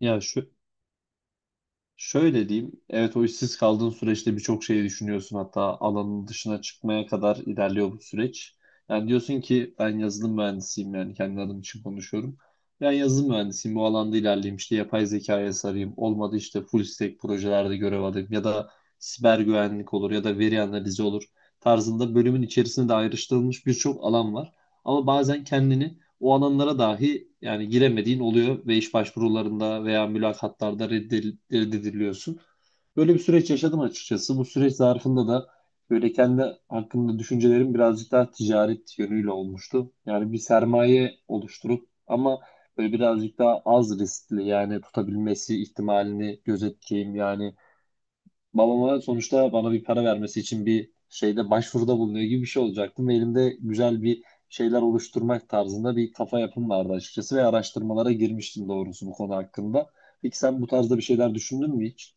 Ya şu, şöyle diyeyim. Evet, o işsiz kaldığın süreçte birçok şeyi düşünüyorsun. Hatta alanın dışına çıkmaya kadar ilerliyor bu süreç. Yani diyorsun ki ben yazılım mühendisiyim, yani kendi adım için konuşuyorum. Ben yazılım mühendisiyim, bu alanda ilerleyeyim, işte yapay zekaya sarayım. Olmadı işte full stack projelerde görev alayım ya da siber güvenlik olur ya da veri analizi olur tarzında, bölümün içerisinde de ayrıştırılmış birçok alan var. Ama bazen kendini o alanlara dahi yani giremediğin oluyor ve iş başvurularında veya mülakatlarda reddediliyorsun. Böyle bir süreç yaşadım açıkçası. Bu süreç zarfında da böyle kendi hakkında düşüncelerim birazcık daha ticaret yönüyle olmuştu. Yani bir sermaye oluşturup ama böyle birazcık daha az riskli, yani tutabilmesi ihtimalini gözetleyeyim yani. Babama sonuçta bana bir para vermesi için bir şeyde başvuruda bulunuyor gibi bir şey olacaktım. Ve elimde güzel bir şeyler oluşturmak tarzında bir kafa yapım vardı açıkçası ve araştırmalara girmiştim doğrusu bu konu hakkında. Peki sen bu tarzda bir şeyler düşündün mü hiç?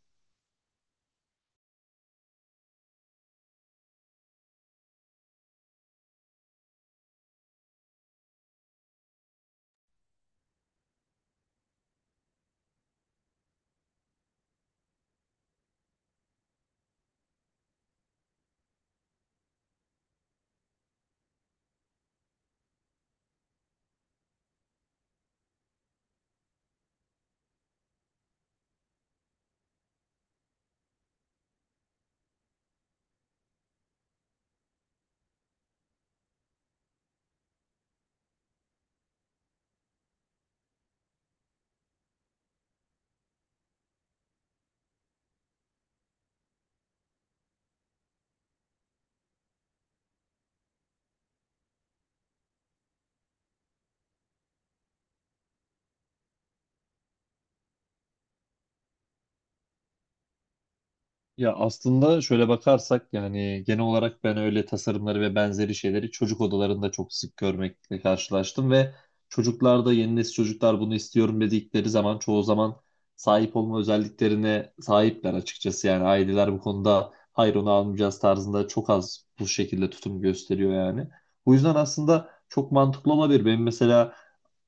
Ya aslında şöyle bakarsak yani genel olarak ben öyle tasarımları ve benzeri şeyleri çocuk odalarında çok sık görmekle karşılaştım ve çocuklarda, yeni nesil çocuklar bunu istiyorum dedikleri zaman çoğu zaman sahip olma özelliklerine sahipler açıkçası. Yani aileler bu konuda hayır onu almayacağız tarzında çok az bu şekilde tutum gösteriyor yani. Bu yüzden aslında çok mantıklı olabilir. Benim mesela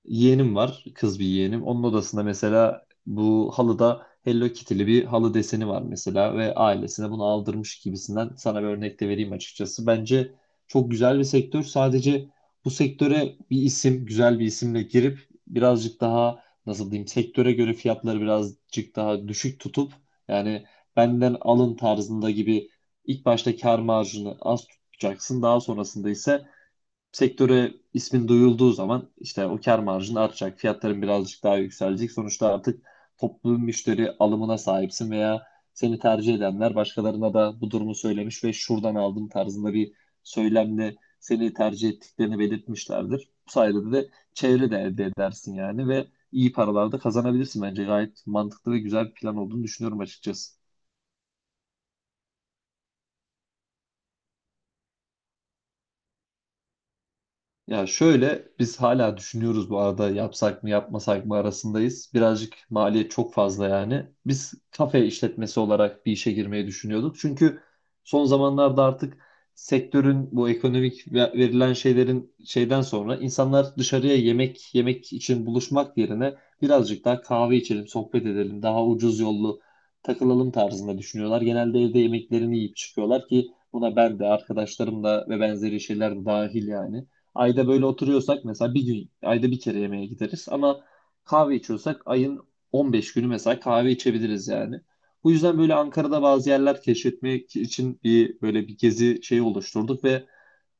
yeğenim var, kız bir yeğenim. Onun odasında mesela bu halıda Hello Kitty'li bir halı deseni var mesela ve ailesine bunu aldırmış gibisinden sana bir örnek de vereyim açıkçası. Bence çok güzel bir sektör. Sadece bu sektöre bir isim, güzel bir isimle girip birazcık daha, nasıl diyeyim, sektöre göre fiyatları birazcık daha düşük tutup, yani benden alın tarzında gibi ilk başta kar marjını az tutacaksın. Daha sonrasında ise sektöre ismin duyulduğu zaman işte o kar marjın artacak, fiyatların birazcık daha yükselecek. Sonuçta artık toplu müşteri alımına sahipsin veya seni tercih edenler başkalarına da bu durumu söylemiş ve şuradan aldım tarzında bir söylemle seni tercih ettiklerini belirtmişlerdir. Bu sayede de çevre de elde edersin yani ve iyi paralar da kazanabilirsin bence. Gayet mantıklı ve güzel bir plan olduğunu düşünüyorum açıkçası. Ya şöyle, biz hala düşünüyoruz bu arada, yapsak mı yapmasak mı arasındayız. Birazcık maliyet çok fazla yani. Biz kafe işletmesi olarak bir işe girmeyi düşünüyorduk. Çünkü son zamanlarda artık sektörün bu ekonomik verilen şeylerin şeyden sonra insanlar dışarıya yemek yemek için buluşmak yerine birazcık daha kahve içelim, sohbet edelim, daha ucuz yollu takılalım tarzında düşünüyorlar. Genelde evde yemeklerini yiyip çıkıyorlar ki buna ben de, arkadaşlarım da ve benzeri şeyler de dahil yani. Ayda böyle oturuyorsak mesela bir gün, ayda bir kere yemeğe gideriz ama kahve içiyorsak ayın 15 günü mesela kahve içebiliriz yani. Bu yüzden böyle Ankara'da bazı yerler keşfetmek için bir böyle bir gezi şeyi oluşturduk ve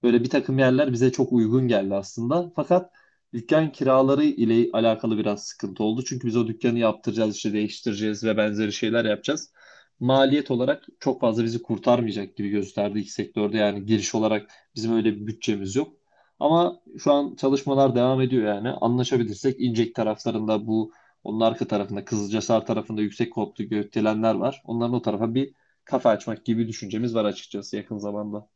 böyle bir takım yerler bize çok uygun geldi aslında. Fakat dükkan kiraları ile alakalı biraz sıkıntı oldu. Çünkü biz o dükkanı yaptıracağız, işte değiştireceğiz ve benzeri şeyler yapacağız. Maliyet olarak çok fazla bizi kurtarmayacak gibi gösterdi iki sektörde. Yani giriş olarak bizim öyle bir bütçemiz yok. Ama şu an çalışmalar devam ediyor yani. Anlaşabilirsek İncek taraflarında, bu onun arka tarafında, Kızılcahisar tarafında yüksek koptu gökdelenler var. Onların o tarafa bir kafe açmak gibi bir düşüncemiz var açıkçası yakın zamanda.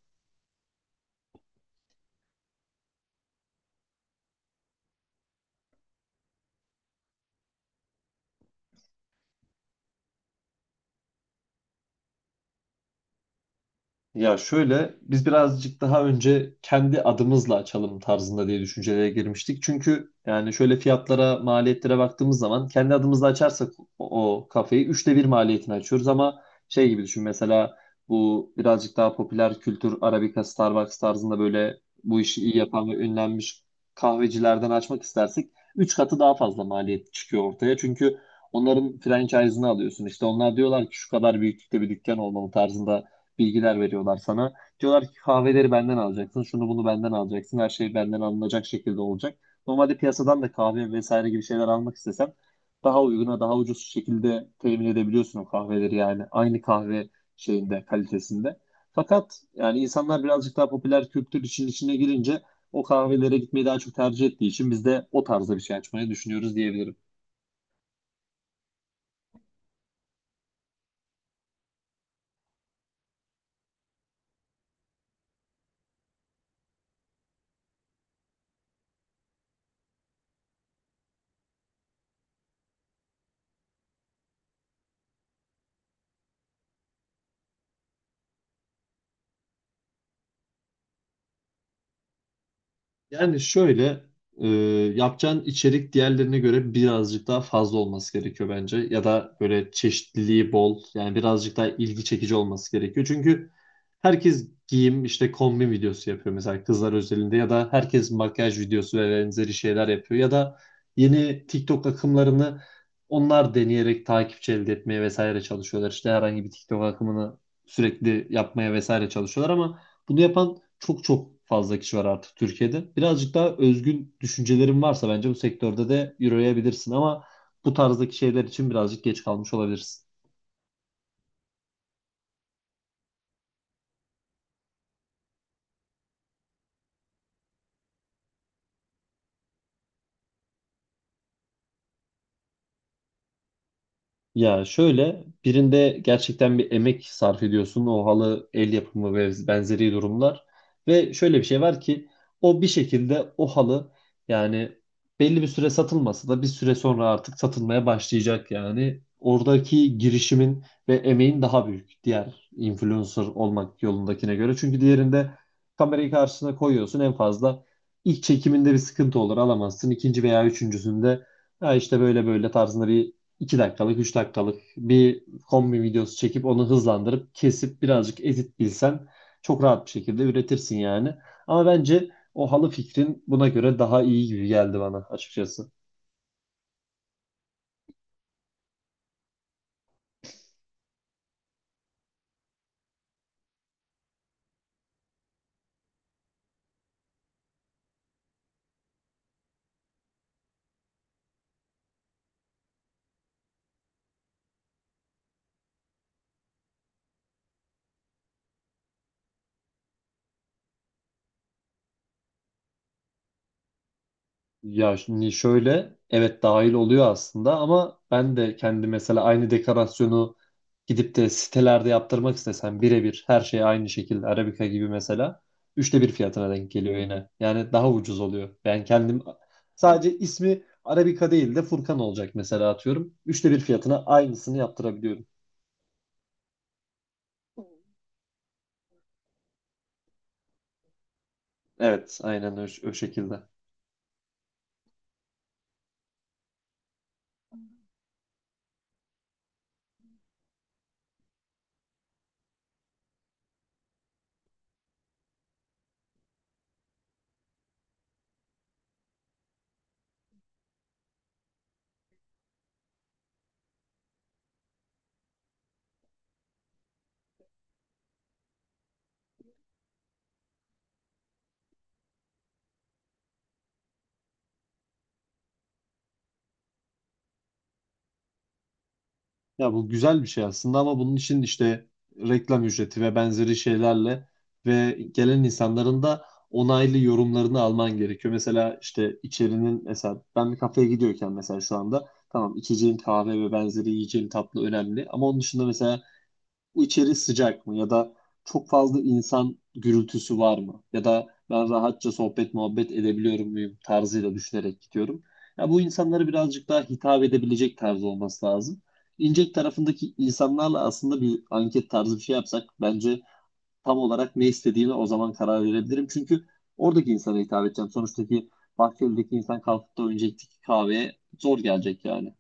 Ya şöyle, biz birazcık daha önce kendi adımızla açalım tarzında diye düşüncelere girmiştik. Çünkü yani şöyle fiyatlara, maliyetlere baktığımız zaman kendi adımızla açarsak o kafeyi üçte bir maliyetini açıyoruz ama şey gibi düşün mesela, bu birazcık daha popüler kültür Arabica, Starbucks tarzında, böyle bu işi iyi yapan ve ünlenmiş kahvecilerden açmak istersek üç katı daha fazla maliyet çıkıyor ortaya. Çünkü onların franchise'ını alıyorsun. İşte onlar diyorlar ki şu kadar büyüklükte bir dükkan olmalı tarzında bilgiler veriyorlar sana. Diyorlar ki kahveleri benden alacaksın, şunu bunu benden alacaksın, her şey benden alınacak şekilde olacak. Normalde piyasadan da kahve vesaire gibi şeyler almak istesem daha uyguna, daha ucuz şekilde temin edebiliyorsun o kahveleri yani. Aynı kahve şeyinde, kalitesinde. Fakat yani insanlar birazcık daha popüler kültür için içine girince o kahvelere gitmeyi daha çok tercih ettiği için biz de o tarzda bir şey açmayı düşünüyoruz diyebilirim. Yani şöyle e, yapacağın içerik diğerlerine göre birazcık daha fazla olması gerekiyor bence. Ya da böyle çeşitliliği bol, yani birazcık daha ilgi çekici olması gerekiyor. Çünkü herkes giyim işte kombin videosu yapıyor mesela, kızlar özelinde, ya da herkes makyaj videosu ve benzeri şeyler yapıyor. Ya da yeni TikTok akımlarını onlar deneyerek takipçi elde etmeye vesaire çalışıyorlar. İşte herhangi bir TikTok akımını sürekli yapmaya vesaire çalışıyorlar ama bunu yapan çok çok fazla kişi var artık Türkiye'de. Birazcık daha özgün düşüncelerin varsa bence bu sektörde de yürüyebilirsin ama bu tarzdaki şeyler için birazcık geç kalmış olabilirsin. Ya şöyle, birinde gerçekten bir emek sarf ediyorsun, o halı el yapımı ve benzeri durumlar ve şöyle bir şey var ki o bir şekilde o halı, yani belli bir süre satılmasa da bir süre sonra artık satılmaya başlayacak, yani oradaki girişimin ve emeğin daha büyük diğer influencer olmak yolundakine göre. Çünkü diğerinde kamerayı karşısına koyuyorsun, en fazla ilk çekiminde bir sıkıntı olur, alamazsın ikinci veya üçüncüsünde, ya işte böyle böyle tarzında bir 2 dakikalık, 3 dakikalık bir kombi videosu çekip onu hızlandırıp kesip birazcık edit bilsen çok rahat bir şekilde üretirsin yani. Ama bence o halı fikrin buna göre daha iyi gibi geldi bana açıkçası. Ya şimdi şöyle, evet, dahil oluyor aslında ama ben de kendi mesela aynı dekorasyonu gidip de sitelerde yaptırmak istesem birebir her şey aynı şekilde Arabica gibi mesela üçte bir fiyatına denk geliyor yine. Yani daha ucuz oluyor. Ben kendim sadece ismi Arabica değil de Furkan olacak mesela, atıyorum. Üçte bir fiyatına aynısını yaptırabiliyorum. Evet, aynen o şekilde. Ya bu güzel bir şey aslında ama bunun için işte reklam ücreti ve benzeri şeylerle ve gelen insanların da onaylı yorumlarını alman gerekiyor. Mesela işte içerinin, mesela ben bir kafeye gidiyorken mesela şu anda tamam, içeceğim kahve ve benzeri yiyeceğim tatlı önemli ama onun dışında mesela bu içeri sıcak mı ya da çok fazla insan gürültüsü var mı ya da ben rahatça sohbet muhabbet edebiliyor muyum tarzıyla düşünerek gidiyorum. Ya bu insanlara birazcık daha hitap edebilecek tarz olması lazım. İncek tarafındaki insanlarla aslında bir anket tarzı bir şey yapsak bence tam olarak ne istediğine o zaman karar verebilirim. Çünkü oradaki insana hitap edeceğim. Sonuçtaki Bahçeli'deki insan kalkıp da önceki kahveye zor gelecek yani.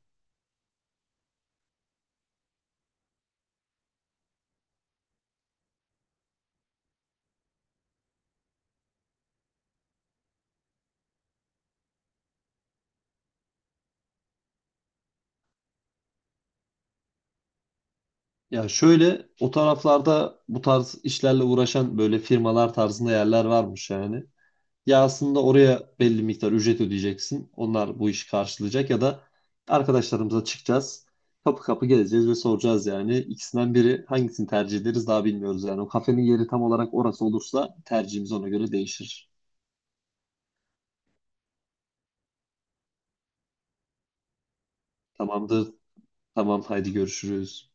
Ya şöyle, o taraflarda bu tarz işlerle uğraşan böyle firmalar tarzında yerler varmış yani. Ya aslında oraya belli miktar ücret ödeyeceksin, onlar bu işi karşılayacak ya da arkadaşlarımıza çıkacağız. Kapı kapı gezeceğiz ve soracağız yani. İkisinden biri, hangisini tercih ederiz daha bilmiyoruz yani. O kafenin yeri tam olarak orası olursa tercihimiz ona göre değişir. Tamamdır. Tamam, haydi görüşürüz.